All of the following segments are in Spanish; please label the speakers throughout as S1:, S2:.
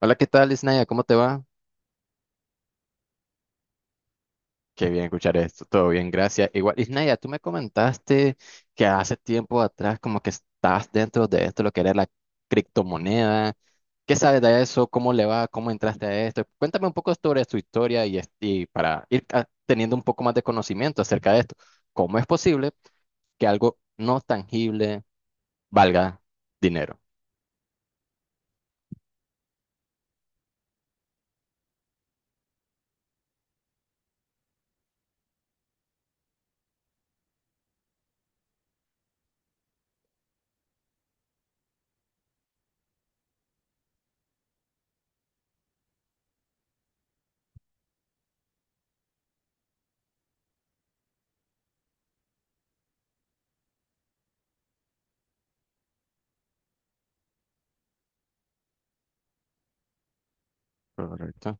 S1: Hola, ¿qué tal, Isnaya? ¿Cómo te va? Qué bien escuchar esto. Todo bien, gracias. Igual, Isnaya, tú me comentaste que hace tiempo atrás como que estás dentro de esto, lo que era la criptomoneda. ¿Qué sabes de eso? ¿Cómo le va? ¿Cómo entraste a esto? Cuéntame un poco sobre tu historia y, para ir teniendo un poco más de conocimiento acerca de esto. ¿Cómo es posible que algo no tangible valga dinero? Correcto.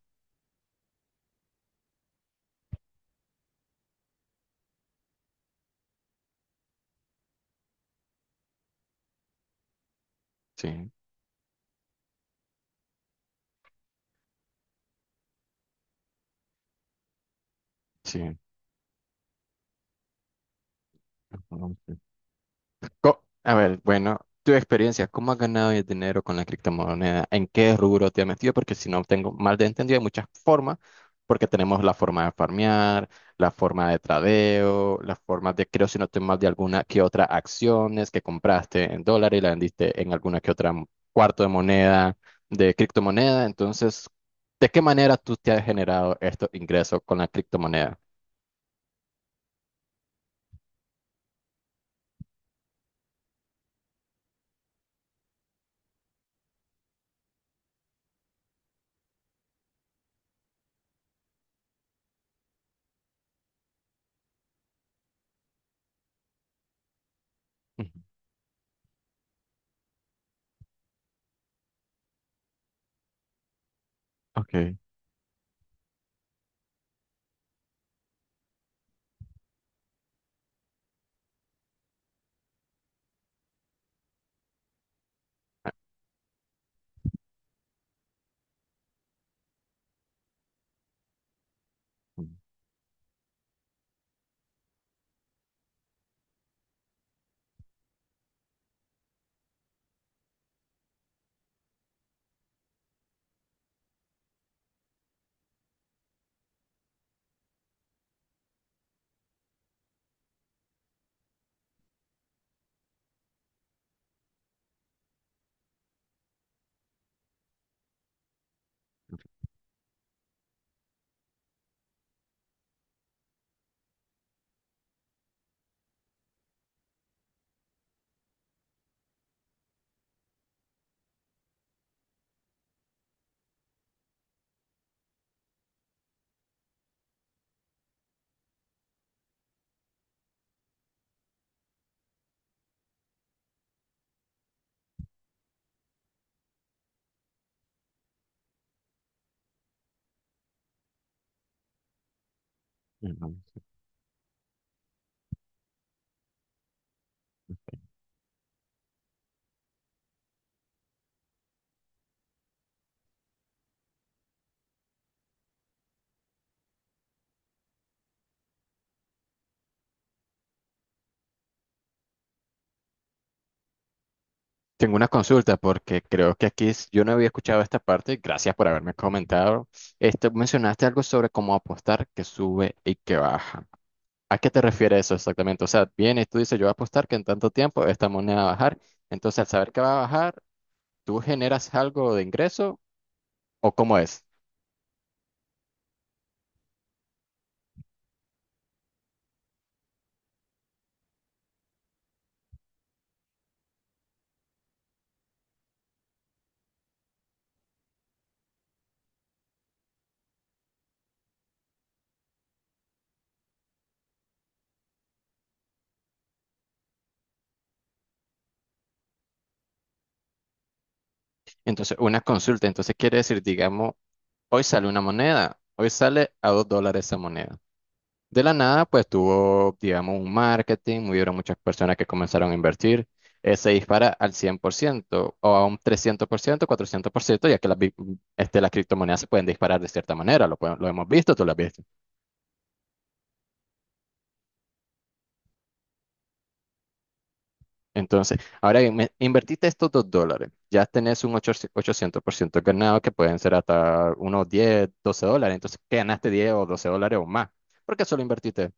S1: Sí, sí. A ver, bueno, tu experiencia, ¿cómo has ganado el dinero con la criptomoneda? ¿En qué rubro te has metido? Porque si no tengo mal de entendido, hay muchas formas, porque tenemos la forma de farmear, la forma de tradeo, la forma de, creo si no estoy mal, de alguna que otra acciones que compraste en dólar y la vendiste en alguna que otra cuarto de moneda, de criptomoneda. Entonces, ¿de qué manera tú te has generado estos ingresos con la criptomoneda? Ujú. Ok. Mm, mm. Tengo una consulta porque creo que yo no había escuchado esta parte. Gracias por haberme comentado. Este, mencionaste algo sobre cómo apostar que sube y que baja. ¿A qué te refieres eso exactamente? O sea, vienes, tú dices, yo voy a apostar que en tanto tiempo esta moneda va a bajar. Entonces, al saber que va a bajar, ¿tú generas algo de ingreso o cómo es? Entonces, una consulta. Entonces, quiere decir, digamos, hoy sale una moneda, hoy sale a $2 esa moneda. De la nada, pues tuvo, digamos, un marketing, hubieron muchas personas que comenzaron a invertir. Se dispara al 100% o a un 300%, 400%, ya que las, las criptomonedas se pueden disparar de cierta manera, lo, lo hemos visto, tú lo has visto. Entonces, ahora bien, invertiste estos dos dólares, ya tenés un ochocientos por ciento ganado que pueden ser hasta unos $10, $12, entonces que ganaste $10 o $12 o más, porque solo invertiste.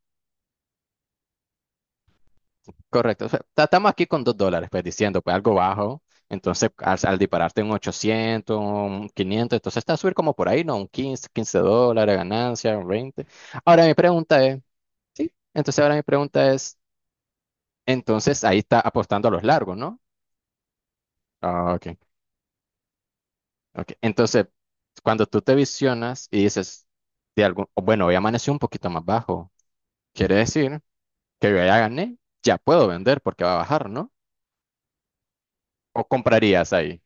S1: Correcto. O sea, estamos aquí con $2, pues diciendo, pues algo bajo. Entonces, al dispararte un 800 un 500, entonces está a subir como por ahí, ¿no? Un quince dólares, ganancia, un veinte. Ahora mi pregunta es, sí, entonces ahora mi pregunta es, entonces ahí está apostando a los largos, ¿no? Ah, ok, ok. Entonces, cuando tú te visionas y dices, de algún, o bueno, hoy amaneció un poquito más bajo, quiere decir que yo ya gané, ya puedo vender porque va a bajar, ¿no? ¿O comprarías ahí?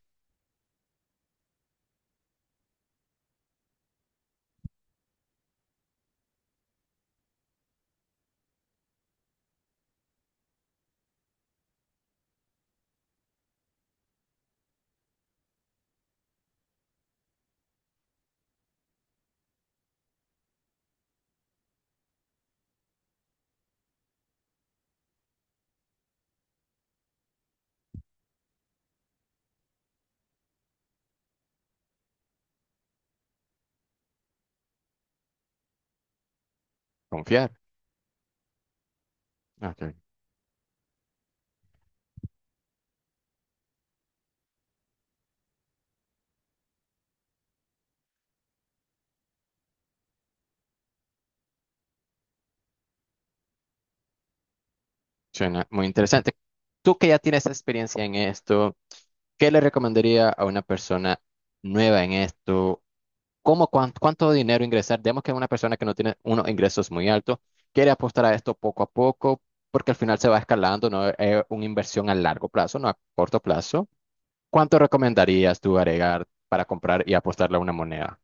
S1: Confiar. Ok. Suena muy interesante. Tú que ya tienes experiencia en esto, ¿qué le recomendaría a una persona nueva en esto? ¿Cómo, cuánto, cuánto dinero ingresar? Digamos que una persona que no tiene unos ingresos muy altos quiere apostar a esto poco a poco porque al final se va escalando, no es una inversión a largo plazo, no a corto plazo. ¿Cuánto recomendarías tú agregar para comprar y apostarle a una moneda?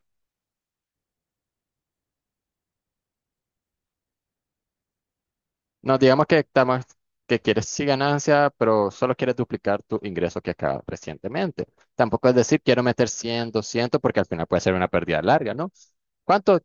S1: No, digamos que estamos, que quieres sí ganancia, pero solo quieres duplicar tu ingreso que acaba recientemente. Tampoco es decir quiero meter 100 200 porque al final puede ser una pérdida larga, ¿no? ¿Cuánto?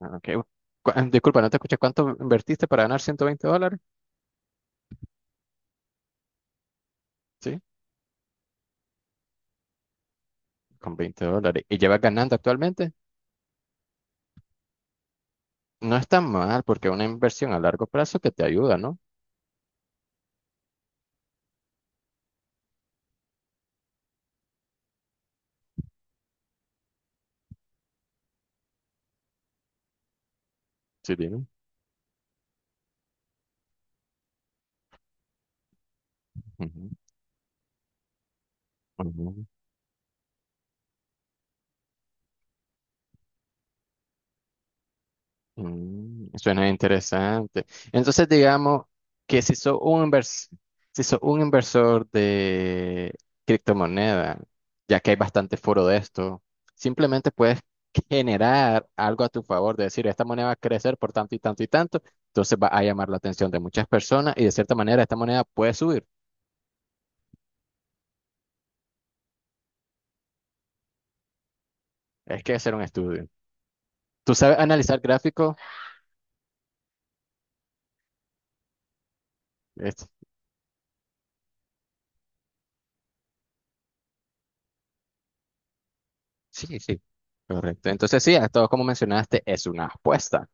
S1: Ah, ok. Disculpa, no te escuché. ¿Cuánto invertiste para ganar $120? Sí, con $20. ¿Y llevas ganando actualmente? No está mal, porque es una inversión a largo plazo que te ayuda, ¿no? Sí, dime. Ujú, ujú. Mm, suena interesante. Entonces, digamos que si sos un inversor de criptomoneda, ya que hay bastante foro de esto, simplemente puedes generar algo a tu favor, de decir, esta moneda va a crecer por tanto y tanto y tanto, entonces va a llamar la atención de muchas personas y de cierta manera esta moneda puede subir. Es que hacer un estudio. ¿Tú sabes analizar gráficos? Es- Sí, sí. Correcto. Entonces, sí, a todo como mencionaste, es una apuesta.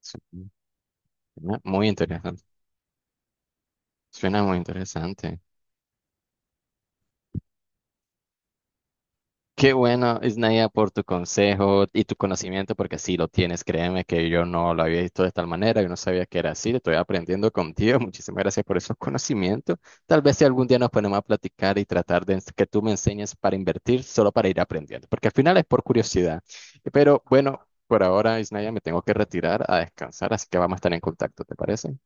S1: Sí. Suena muy interesante. Suena muy interesante. Qué bueno, Isnaya, por tu consejo y tu conocimiento, porque sí lo tienes. Créeme que yo no lo había visto de tal manera, yo no sabía que era así. Estoy aprendiendo contigo. Muchísimas gracias por esos conocimientos. Tal vez si algún día nos ponemos a platicar y tratar de que tú me enseñes para invertir, solo para ir aprendiendo, porque al final es por curiosidad. Pero bueno, por ahora, Isnaya, me tengo que retirar a descansar, así que vamos a estar en contacto, ¿te parece?